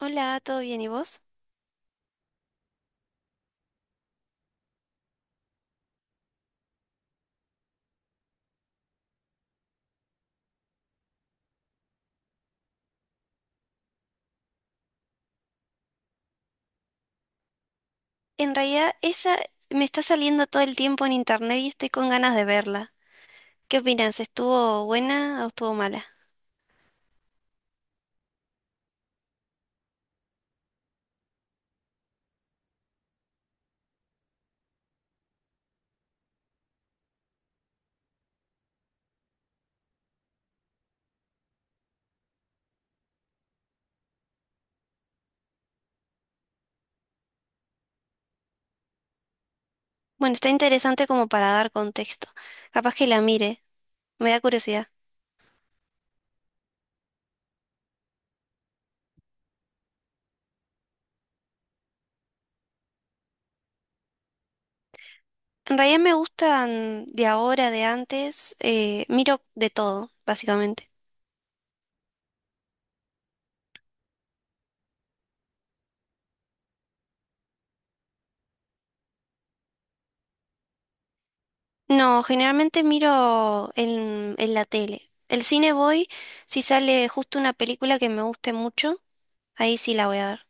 Hola, ¿todo bien? ¿Y vos? En realidad, esa me está saliendo todo el tiempo en internet y estoy con ganas de verla. ¿Qué opinas? ¿Estuvo buena o estuvo mala? Bueno, está interesante como para dar contexto. Capaz que la mire, me da curiosidad. En realidad me gustan de ahora, de antes, miro de todo, básicamente. No, generalmente miro en la tele. El cine voy si sale justo una película que me guste mucho, ahí sí la voy a ver.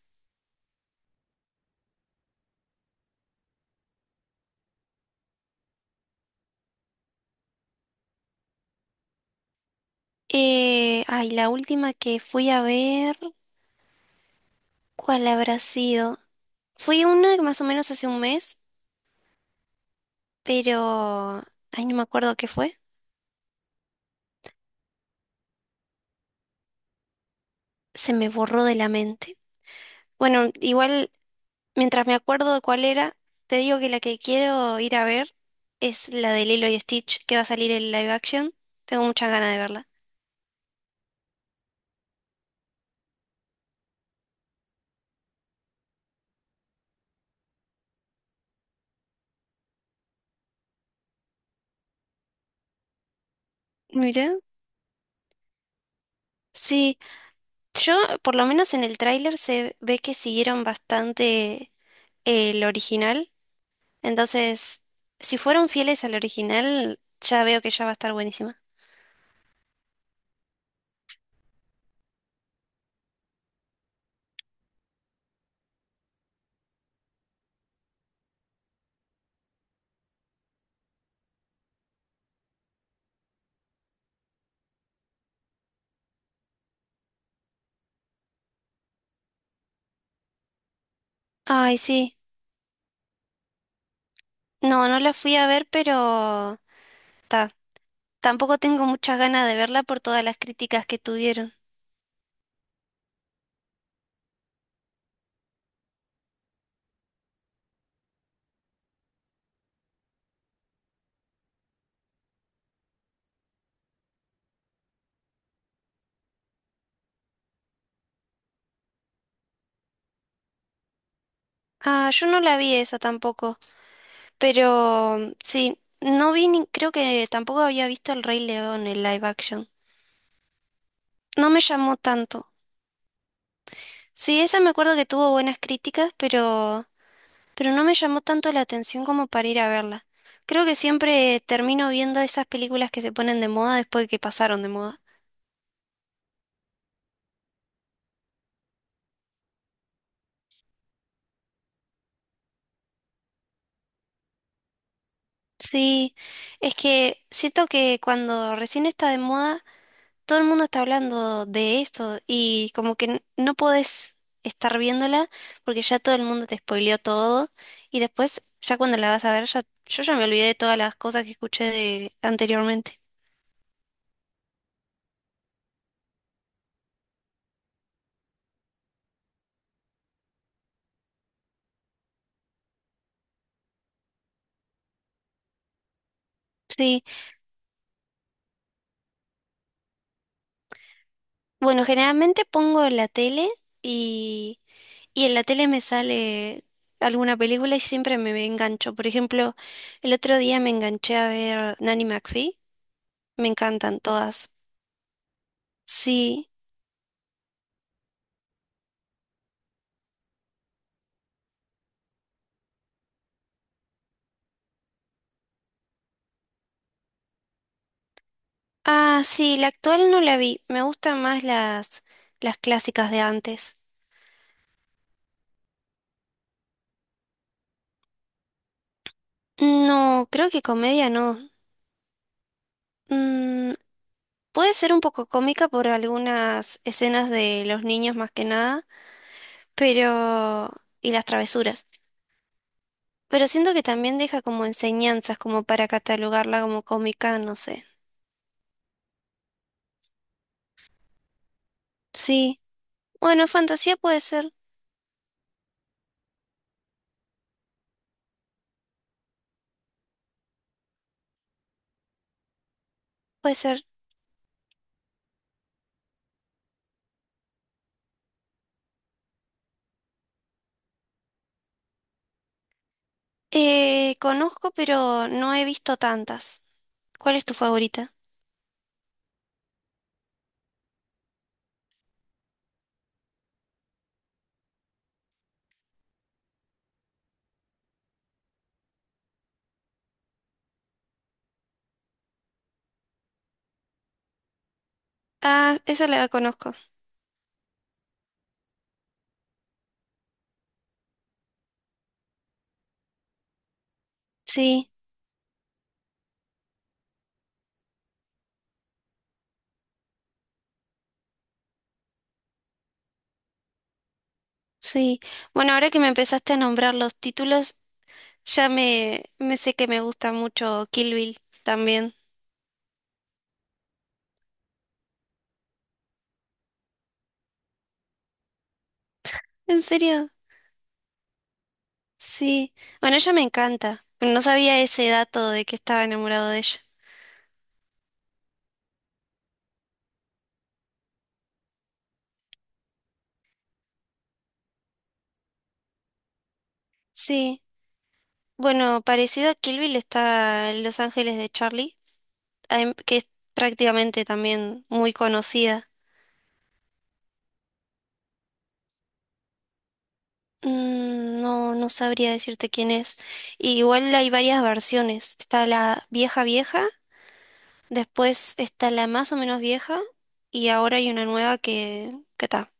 Ay, la última que fui a ver, ¿cuál habrá sido? Fui una más o menos hace un mes, pero... Ay, no me acuerdo qué fue. Se me borró de la mente. Bueno, igual, mientras me acuerdo de cuál era, te digo que la que quiero ir a ver es la de Lilo y Stitch, que va a salir en live action. Tengo muchas ganas de verla. Mirá. Sí, yo, por lo menos en el tráiler se ve que siguieron bastante el original. Entonces, si fueron fieles al original, ya veo que ya va a estar buenísima. Ay, sí. No, no la fui a ver, pero ta, tampoco tengo muchas ganas de verla por todas las críticas que tuvieron. Ah, yo no la vi esa tampoco, pero mm, sí, no vi ni, creo que tampoco había visto El Rey León en live action. No me llamó tanto. Sí, esa me acuerdo que tuvo buenas críticas, pero no me llamó tanto la atención como para ir a verla. Creo que siempre termino viendo esas películas que se ponen de moda después de que pasaron de moda. Sí, es que siento que cuando recién está de moda, todo el mundo está hablando de esto y como que no podés estar viéndola porque ya todo el mundo te spoileó todo y después ya cuando la vas a ver ya yo ya me olvidé de todas las cosas que escuché de anteriormente. Sí, bueno, generalmente pongo la tele y Y en la tele me sale alguna película y siempre me engancho. Por ejemplo, el otro día me enganché a ver Nanny McPhee. Me encantan todas. Sí. Ah, sí, la actual no la vi. Me gustan más las clásicas de antes. No, creo que comedia no. Mm, puede ser un poco cómica por algunas escenas de los niños más que nada, pero... y las travesuras. Pero siento que también deja como enseñanzas, como para catalogarla como cómica, no sé. Sí, bueno, fantasía puede ser, puede ser. Conozco, pero no he visto tantas. ¿Cuál es tu favorita? Ah, esa la conozco. Sí, sí. Bueno, ahora que me empezaste a nombrar los títulos, me sé que me gusta mucho Kill Bill también. ¿En serio? Sí. Bueno, ella me encanta. No sabía ese dato de que estaba enamorado de ella. Sí. Bueno, parecido a Kill Bill está Los Ángeles de Charlie. Em, que es prácticamente también muy conocida. Mm, no, no sabría decirte quién es. Y igual hay varias versiones. Está la vieja vieja, después está la más o menos vieja y ahora hay una nueva que... ¿que está?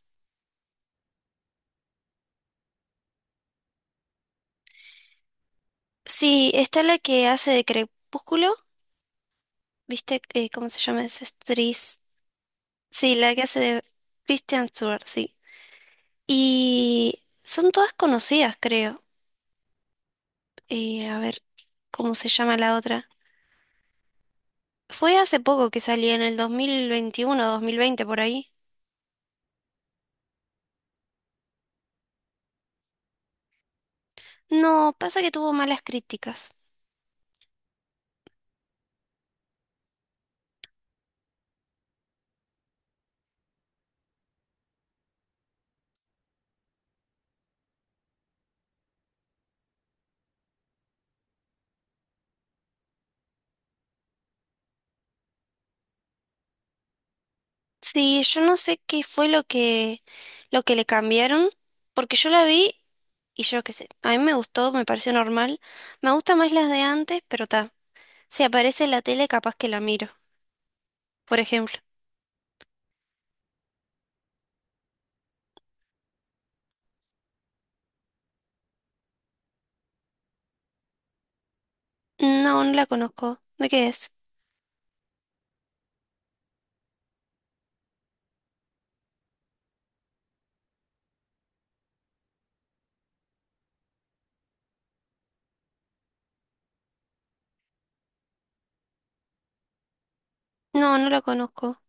Sí, está la que hace de Crepúsculo, ¿viste? ¿Cómo se llama esa actriz? Sí, la que hace de Kristen Stewart, sí. Y son todas conocidas, creo. A ver, ¿cómo se llama la otra? Fue hace poco que salía, en el 2021 2020 por ahí. No, pasa que tuvo malas críticas. Sí, yo no sé qué fue lo que le cambiaron, porque yo la vi y yo qué sé, a mí me gustó, me pareció normal. Me gustan más las de antes, pero ta, si aparece en la tele capaz que la miro, por ejemplo. No, no la conozco. ¿De qué es? No, no la conozco.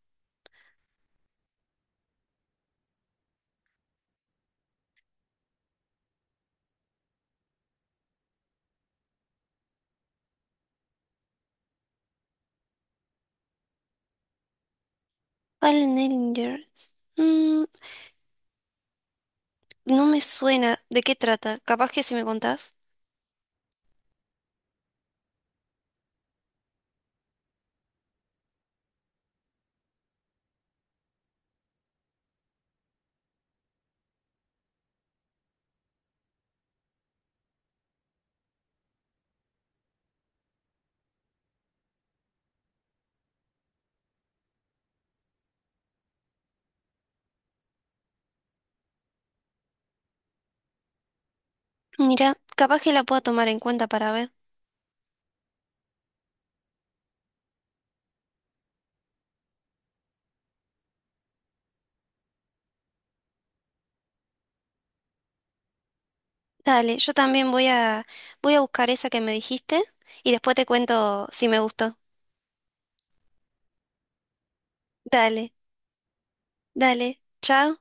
Fallen Angels. Mm, no me suena. ¿De qué trata? Capaz que si me contás. Mira, capaz que la puedo tomar en cuenta para ver. Dale, yo también voy a buscar esa que me dijiste y después te cuento si me gustó. Dale, dale, chao.